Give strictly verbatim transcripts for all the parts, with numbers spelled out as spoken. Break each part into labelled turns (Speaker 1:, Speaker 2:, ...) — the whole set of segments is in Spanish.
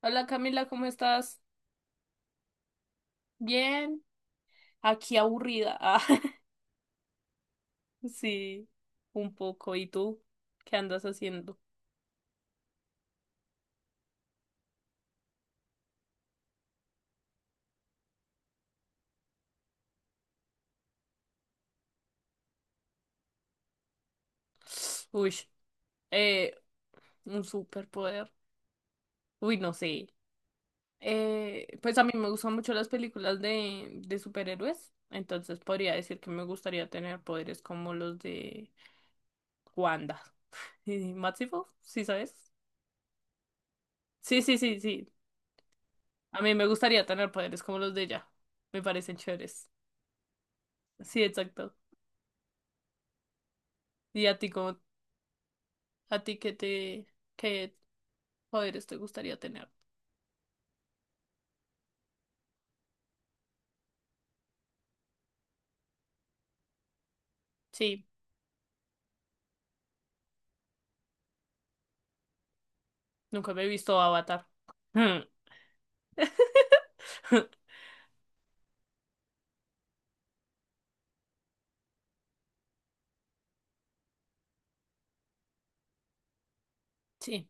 Speaker 1: Hola Camila, ¿cómo estás? Bien, aquí aburrida. Ah, sí, un poco. ¿Y tú? ¿Qué andas haciendo? Uy, eh, un superpoder. Uy, no sé. Eh, pues a mí me gustan mucho las películas de, de superhéroes, entonces podría decir que me gustaría tener poderes como los de Wanda. ¿Y Maximoff? ¿Sí sabes? Sí, sí, sí, sí. A mí me gustaría tener poderes como los de ella. Me parecen chéveres. Sí, exacto. ¿Y a ti cómo? ¿A ti qué te, qué poderes te gustaría tener? Sí, nunca me he visto Avatar. Mm. Sí,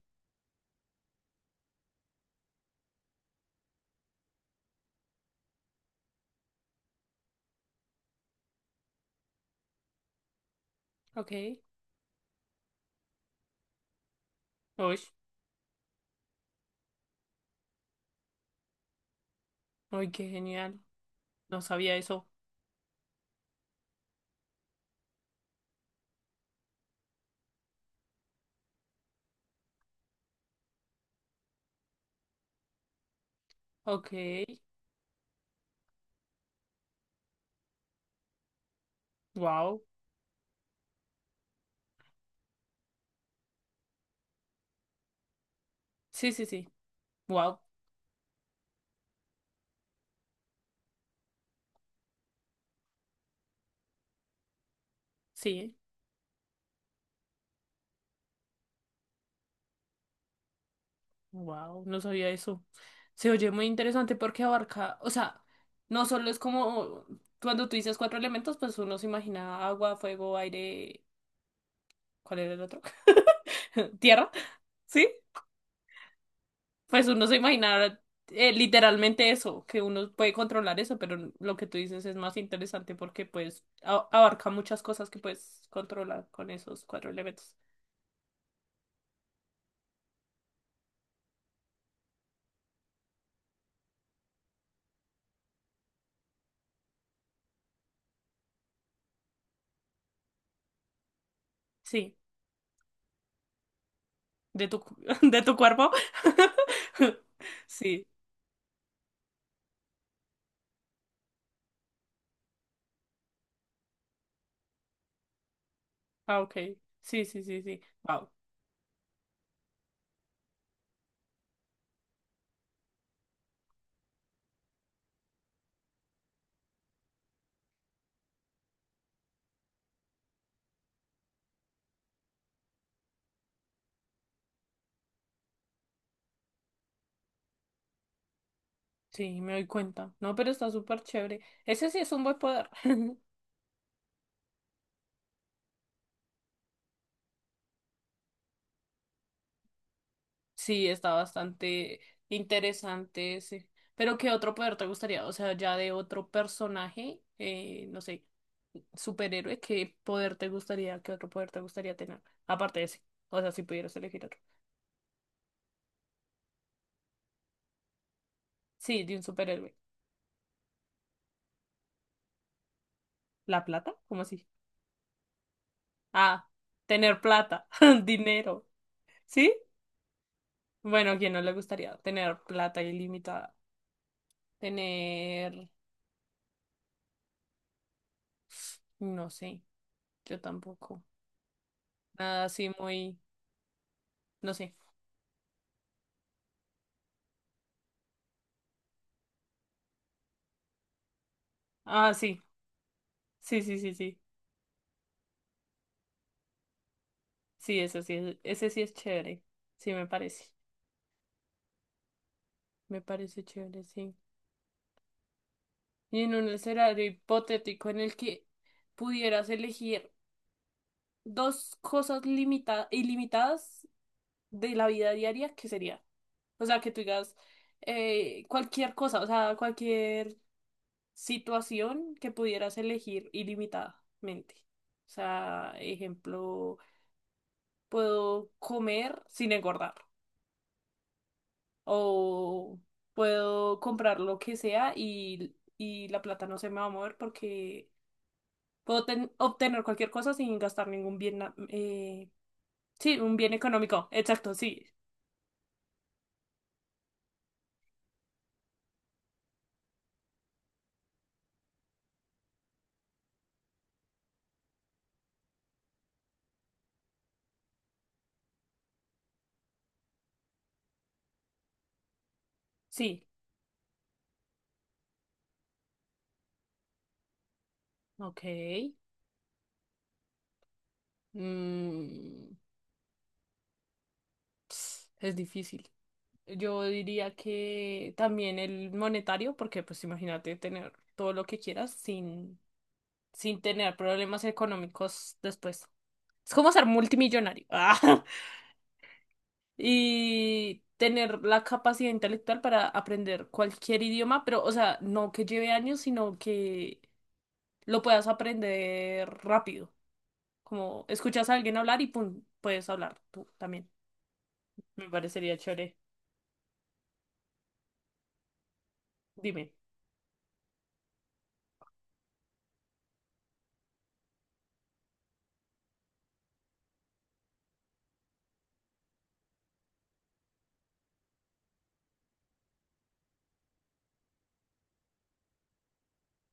Speaker 1: ok. Uy, uy, qué genial. No sabía eso. Ok, wow. Sí, sí, sí. Wow, sí. Wow, no sabía eso. Se oye muy interesante porque abarca, o sea, no solo es como cuando tú dices cuatro elementos, pues uno se imagina agua, fuego, aire. ¿Cuál era el otro? Tierra, ¿sí? Pues uno se imaginará eh, literalmente eso, que uno puede controlar eso, pero lo que tú dices es más interesante porque pues a- abarca muchas cosas que puedes controlar con esos cuatro elementos. Sí, de tu, cu- de tu cuerpo. Sí, ah, ok. Sí, sí, sí, sí. Wow. Sí, me doy cuenta. No, pero está súper chévere. Ese sí es un buen poder. Sí, está bastante interesante ese. Pero ¿qué otro poder te gustaría? O sea, ya de otro personaje, eh, no sé, superhéroe. ¿Qué poder te gustaría, qué otro poder te gustaría tener? Aparte de ese. O sea, si pudieras elegir otro. Sí, de un superhéroe. ¿La plata? ¿Cómo así? Ah, tener plata, dinero. ¿Sí? Bueno, ¿a quién no le gustaría tener plata ilimitada? Tener, no sé, yo tampoco. Nada así muy, no sé. Ah, sí, sí, sí, sí, sí. Sí, eso sí, es- ese sí es chévere. Sí, me parece. Me parece chévere, sí. Y en un escenario hipotético en el que pudieras elegir dos cosas limita- ilimitadas de la vida diaria, ¿qué sería? O sea, que tú digas eh, cualquier cosa, o sea, cualquier situación que pudieras elegir ilimitadamente. O sea, ejemplo, puedo comer sin engordar o puedo comprar lo que sea y, y la plata no se me va a mover porque puedo ten- obtener cualquier cosa sin gastar ningún bien, na- eh, sí, un bien económico. Exacto, sí, sí. Ok. Mm, es difícil. Yo diría que también el monetario, porque pues imagínate tener todo lo que quieras sin, sin tener problemas económicos después. Es como ser multimillonario. Ah, y tener la capacidad intelectual para aprender cualquier idioma, pero o sea, no que lleve años, sino que lo puedas aprender rápido. Como escuchas a alguien hablar y pum, puedes hablar tú también. Me parecería chévere. Dime.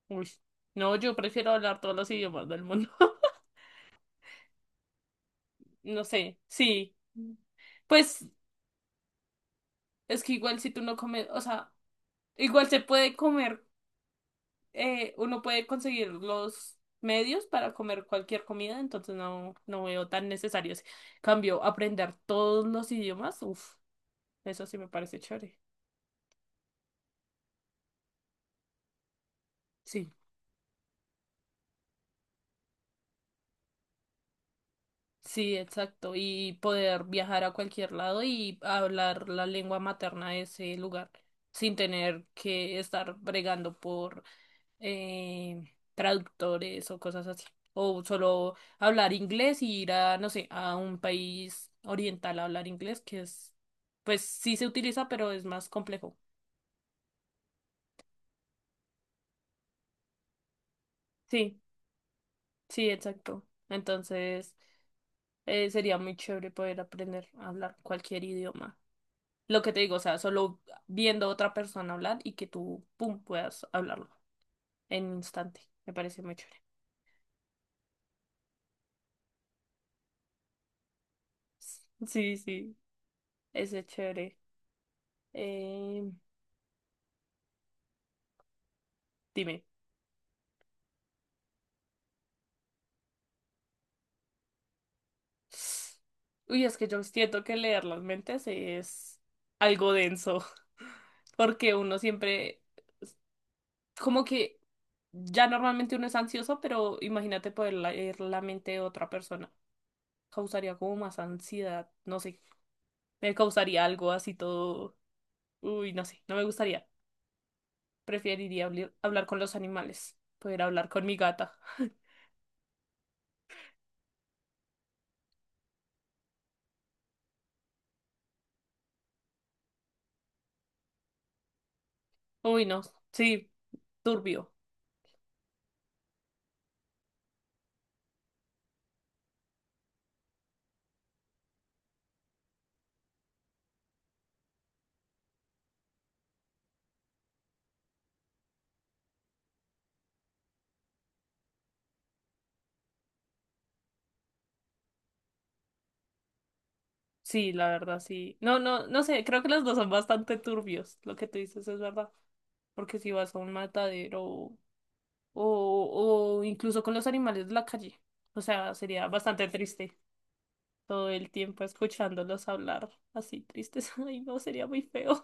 Speaker 1: Uy. No, yo prefiero hablar todos los idiomas del mundo. No sé, sí. Pues es que igual si tú no comes, o sea, igual se puede comer, eh, uno puede conseguir los medios para comer cualquier comida, entonces no, no veo tan necesario. Cambio, aprender todos los idiomas, uff, eso sí me parece chévere. Sí. Sí, exacto. Y poder viajar a cualquier lado y hablar la lengua materna de ese lugar sin tener que estar bregando por eh, traductores o cosas así. O solo hablar inglés y ir a, no sé, a un país oriental a hablar inglés, que es, pues sí se utiliza, pero es más complejo. Sí, sí, exacto. Entonces, eh, sería muy chévere poder aprender a hablar cualquier idioma. Lo que te digo, o sea, solo viendo a otra persona hablar y que tú, pum, puedas hablarlo en un instante. Me parece muy chévere. Sí, sí, ese es chévere. Eh, dime. Uy, es que yo siento que leer las mentes es algo denso, porque uno siempre, como que ya normalmente uno es ansioso, pero imagínate poder leer la mente de otra persona. Causaría como más ansiedad, no sé, me causaría algo así todo, uy, no sé, no me gustaría. Preferiría habli- hablar con los animales, poder hablar con mi gata. Uy, no, sí, turbio. Sí, la verdad, sí. No, no, no sé, creo que los dos son bastante turbios. Lo que tú dices es verdad. Porque si vas a un matadero o, o incluso con los animales de la calle, o sea, sería bastante triste todo el tiempo escuchándolos hablar así tristes. Ay, no, sería muy feo.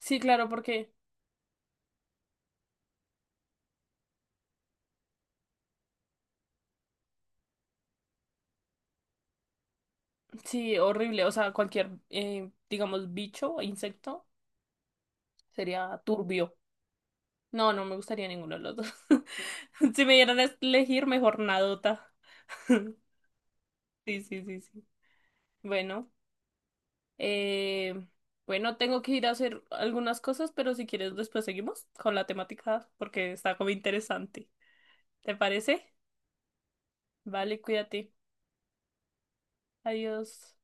Speaker 1: Sí, claro, porque sí, horrible. O sea, cualquier, eh, digamos, bicho o insecto sería turbio. No, no me gustaría ninguno de los dos. Si me dieran a elegir, mejor nadota. Sí, sí, sí, sí. Bueno, eh, bueno, tengo que ir a hacer algunas cosas, pero si quieres después seguimos con la temática porque está como interesante. ¿Te parece? Vale, cuídate. Adiós.